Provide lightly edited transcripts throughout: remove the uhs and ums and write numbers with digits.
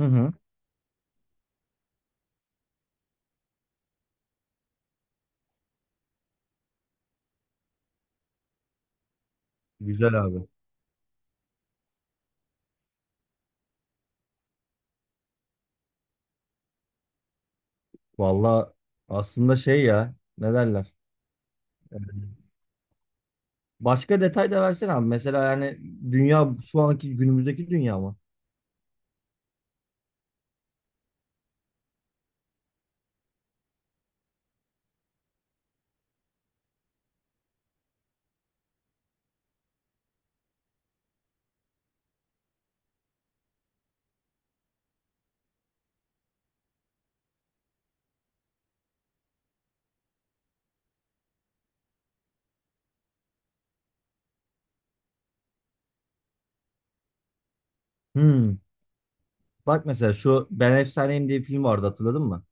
Hı hı. Güzel abi. Valla aslında şey ya ne derler? Ee, Başka detay da versene abi. Mesela yani dünya şu anki günümüzdeki dünya mı? Hmm. Bak mesela şu Ben Efsaneyim diye bir film vardı, hatırladın mı?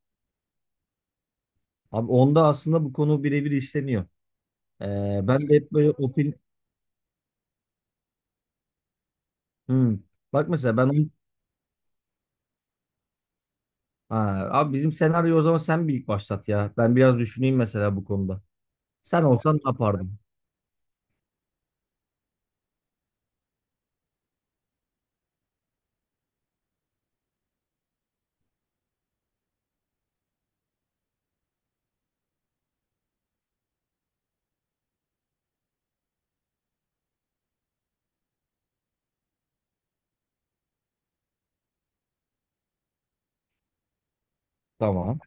Abi onda aslında bu konu birebir işleniyor. Ben de hep böyle o film... Hmm. Bak mesela ben... onu- Ha, abi bizim senaryo o zaman, sen bir ilk başlat ya. Ben biraz düşüneyim mesela bu konuda. Sen olsan ne yapardın? Tamam.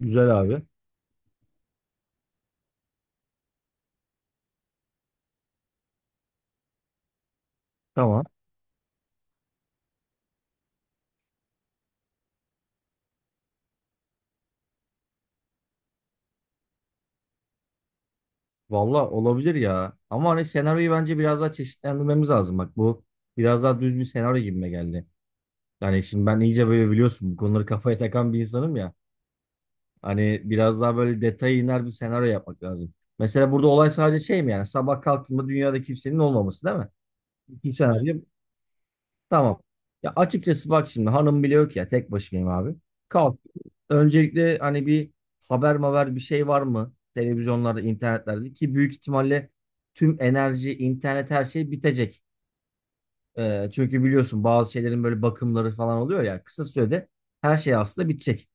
Güzel abi. Tamam. Valla olabilir ya. Ama hani senaryoyu bence biraz daha çeşitlendirmemiz lazım. Bak bu biraz daha düz bir senaryo gibime geldi. Yani şimdi ben iyice böyle biliyorsun, bu konuları kafaya takan bir insanım ya. Hani biraz daha böyle detaya iner bir senaryo yapmak lazım. Mesela burada olay sadece şey mi, yani sabah kalktığımda dünyada kimsenin olmaması değil mi? Bu senaryo. Tamam. Ya açıkçası bak şimdi hanım bile yok ya, tek başımayım abi. Kalk. Öncelikle hani bir haber maver bir şey var mı? Televizyonlarda, internetlerde, ki büyük ihtimalle tüm enerji, internet her şey bitecek. Çünkü biliyorsun bazı şeylerin böyle bakımları falan oluyor ya, kısa sürede her şey aslında bitecek.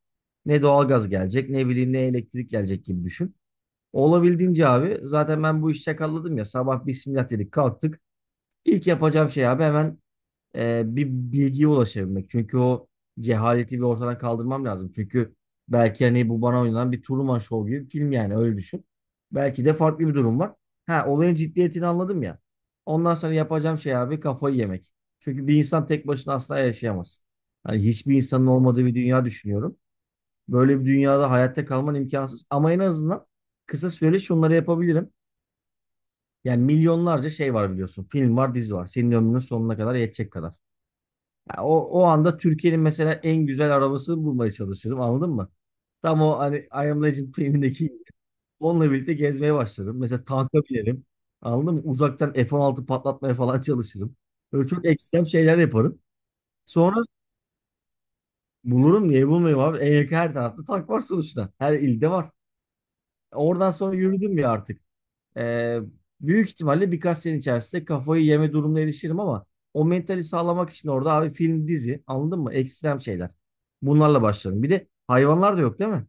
Ne doğalgaz gelecek, ne bileyim ne elektrik gelecek, gibi düşün. Olabildiğince abi, zaten ben bu işi çakalladım ya, sabah bismillah dedik kalktık. İlk yapacağım şey abi hemen bir bilgiye ulaşabilmek. Çünkü o cehaleti bir ortadan kaldırmam lazım. Çünkü belki hani bu bana oynanan bir Truman Show gibi bir film, yani öyle düşün. Belki de farklı bir durum var. Ha, olayın ciddiyetini anladım ya. Ondan sonra yapacağım şey abi kafayı yemek. Çünkü bir insan tek başına asla yaşayamaz. Hani hiçbir insanın olmadığı bir dünya düşünüyorum. Böyle bir dünyada hayatta kalman imkansız. Ama en azından kısa süreli şunları yapabilirim. Yani milyonlarca şey var biliyorsun. Film var, dizi var. Senin ömrünün sonuna kadar yetecek kadar. Ya o, o anda Türkiye'nin mesela en güzel arabasını bulmaya çalışırım, anladın mı? Tam o hani I Am Legend filmindeki, onunla birlikte gezmeye başlarım. Mesela tanka binerim. Anladın mı? Uzaktan F-16 patlatmaya falan çalışırım. Böyle çok ekstrem şeyler yaparım. Sonra bulurum, niye bulmayayım abi? En yakın, her tarafta tank var sonuçta. Her ilde var. Oradan sonra yürüdüm ya artık. Ee, Büyük ihtimalle birkaç sene içerisinde kafayı yeme durumuna erişirim ama o mentali sağlamak için orada abi, film, dizi anladın mı? Ekstrem şeyler. Bunlarla başlarım. Bir de hayvanlar da yok değil mi?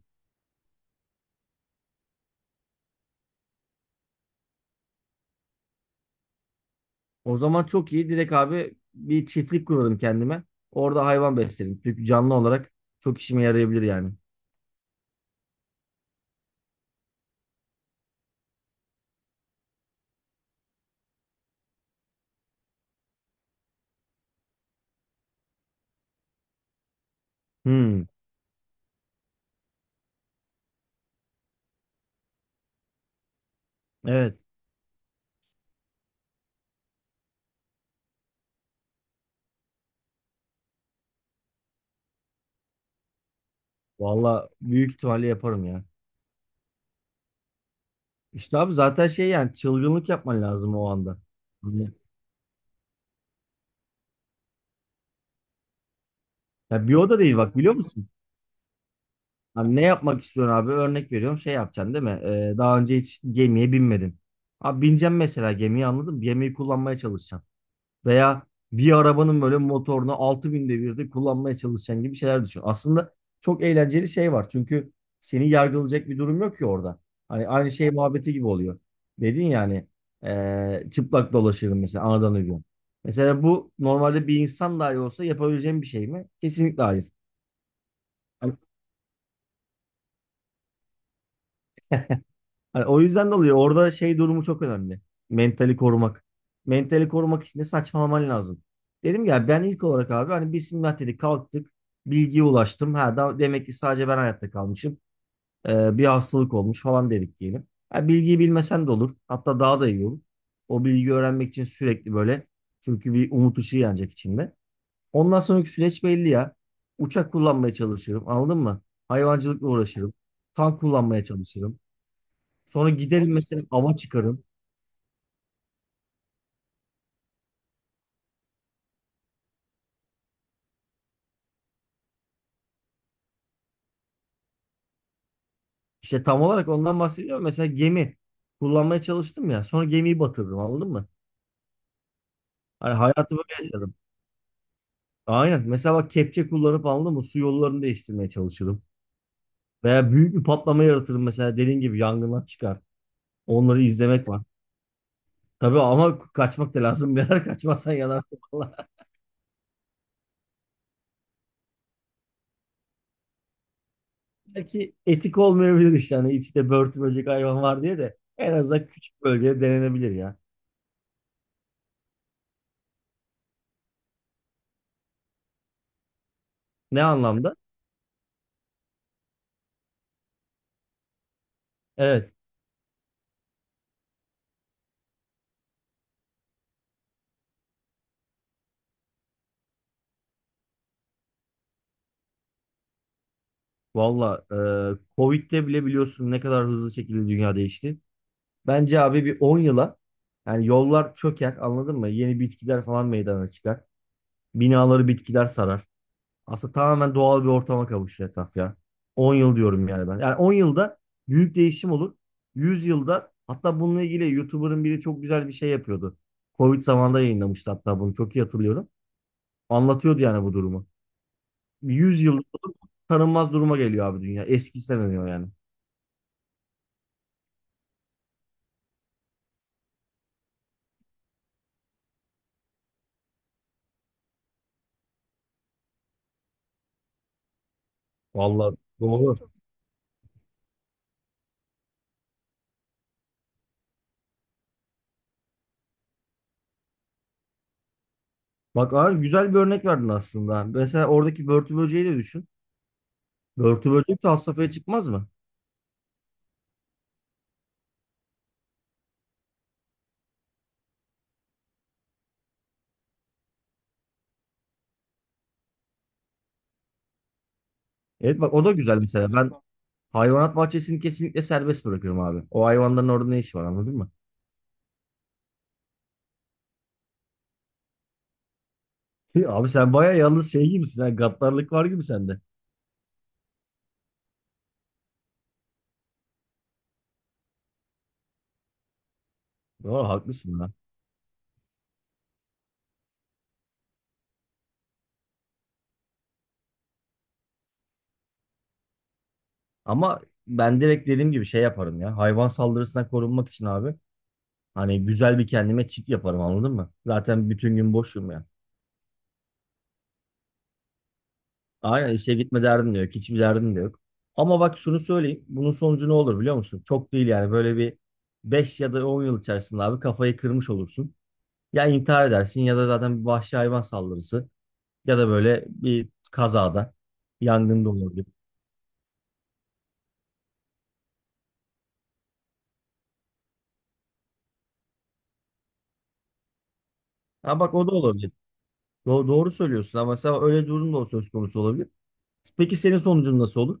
O zaman çok iyi. Direkt abi bir çiftlik kurarım kendime. Orada hayvan beslerim. Çünkü canlı olarak çok işime yarayabilir yani. Hmm, evet. Valla büyük ihtimalle yaparım ya. İşte abi zaten şey, yani çılgınlık yapman lazım o anda. Hani- Ya bir oda değil bak, biliyor musun? Abi ne yapmak istiyorsun abi? Örnek veriyorum, şey yapacaksın değil mi? Daha önce hiç gemiye binmedin. Abi bineceksin mesela gemiyi, anladın mı? Gemiyi kullanmaya çalışacaksın. Veya bir arabanın böyle motorunu 6000 binde birde kullanmaya çalışacaksın, gibi şeyler düşün. Aslında çok eğlenceli şey var. Çünkü seni yargılayacak bir durum yok ki orada. Hani aynı şey muhabbeti gibi oluyor. Dedin yani, çıplak dolaşırım mesela anadan ucu. Mesela bu normalde bir insan dahi olsa yapabileceğim bir şey mi? Kesinlikle hayır. Hani Hani o yüzden de oluyor. Orada şey durumu çok önemli. Mentali korumak. Mentali korumak için de saçmalaman lazım. Dedim ya, ben ilk olarak abi hani bismillah dedik kalktık. Bilgiye ulaştım. Ha da demek ki sadece ben hayatta kalmışım. Bir hastalık olmuş falan dedik diyelim. Ha, bilgiyi bilmesen de olur. Hatta daha da iyi olur. O bilgiyi öğrenmek için sürekli böyle. Çünkü bir umut ışığı yanacak içinde. Ondan sonraki süreç belli ya. Uçak kullanmaya çalışırım. Anladın mı? Hayvancılıkla uğraşırım. Tank kullanmaya çalışırım. Sonra giderim mesela, ava çıkarım. İşte tam olarak ondan bahsediyorum. Mesela gemi kullanmaya çalıştım ya. Sonra gemiyi batırdım, anladın mı? Hani hayatı böyle yaşadım. Aynen. Mesela bak kepçe kullanıp, anladın mı? Su yollarını değiştirmeye çalışırım. Veya büyük bir patlama yaratırım, mesela dediğin gibi yangınlar çıkar. Onları izlemek var. Tabii ama kaçmak da lazım. Birader kaçmazsan yanarsın valla. Belki etik olmayabilir işte. Hani içinde börtü böcek hayvan var diye de, en azından küçük bölgede denenebilir ya. Ne anlamda? Evet. Valla Covid'de bile biliyorsun ne kadar hızlı şekilde dünya değişti. Bence abi bir 10 yıla, yani yollar çöker anladın mı? Yeni bitkiler falan meydana çıkar. Binaları bitkiler sarar. Aslında tamamen doğal bir ortama kavuşur etraf ya. 10 yıl diyorum yani ben. Yani 10 yılda büyük değişim olur. 100 yılda, hatta bununla ilgili YouTuber'ın biri çok güzel bir şey yapıyordu. Covid zamanında yayınlamıştı, hatta bunu çok iyi hatırlıyorum. Anlatıyordu yani bu durumu. 100 yılda tanınmaz duruma geliyor abi dünya. Eskisi demiyor yani. Vallahi doğru. Bak abi güzel bir örnek verdin aslında. Mesela oradaki börtü böceği de düşün. Börtü böcek de has safhaya çıkmaz mı? Evet bak, o da güzel mesela. Ben hayvanat bahçesini kesinlikle serbest bırakıyorum abi. O hayvanların orada ne işi var, anladın mı? Abi sen baya yalnız şey gibisin. Ha, gaddarlık var gibi sende. Doğru haklısın lan. Ama ben direkt dediğim gibi şey yaparım ya. Hayvan saldırısından korunmak için abi. Hani güzel bir kendime çit yaparım, anladın mı? Zaten bütün gün boşum ya. Aynen, işe gitme derdin de yok. Hiçbir derdin de yok. Ama bak şunu söyleyeyim. Bunun sonucu ne olur biliyor musun? Çok değil yani. Böyle bir 5 ya da 10 yıl içerisinde abi kafayı kırmış olursun. Ya intihar edersin, ya da zaten bir vahşi hayvan saldırısı. Ya da böyle bir kazada. Yangında olabilir. Ha bak, o da olabilir. Doğru söylüyorsun ama mesela öyle durum da söz konusu olabilir. Peki senin sonucun nasıl olur?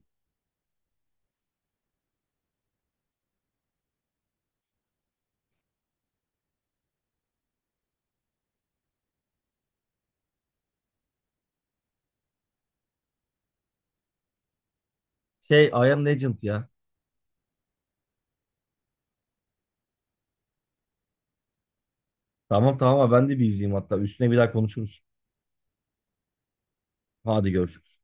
Şey, I am legend ya. Tamam tamam abi, ben de bir izleyeyim hatta. Üstüne bir daha konuşuruz. Hadi görüşürüz.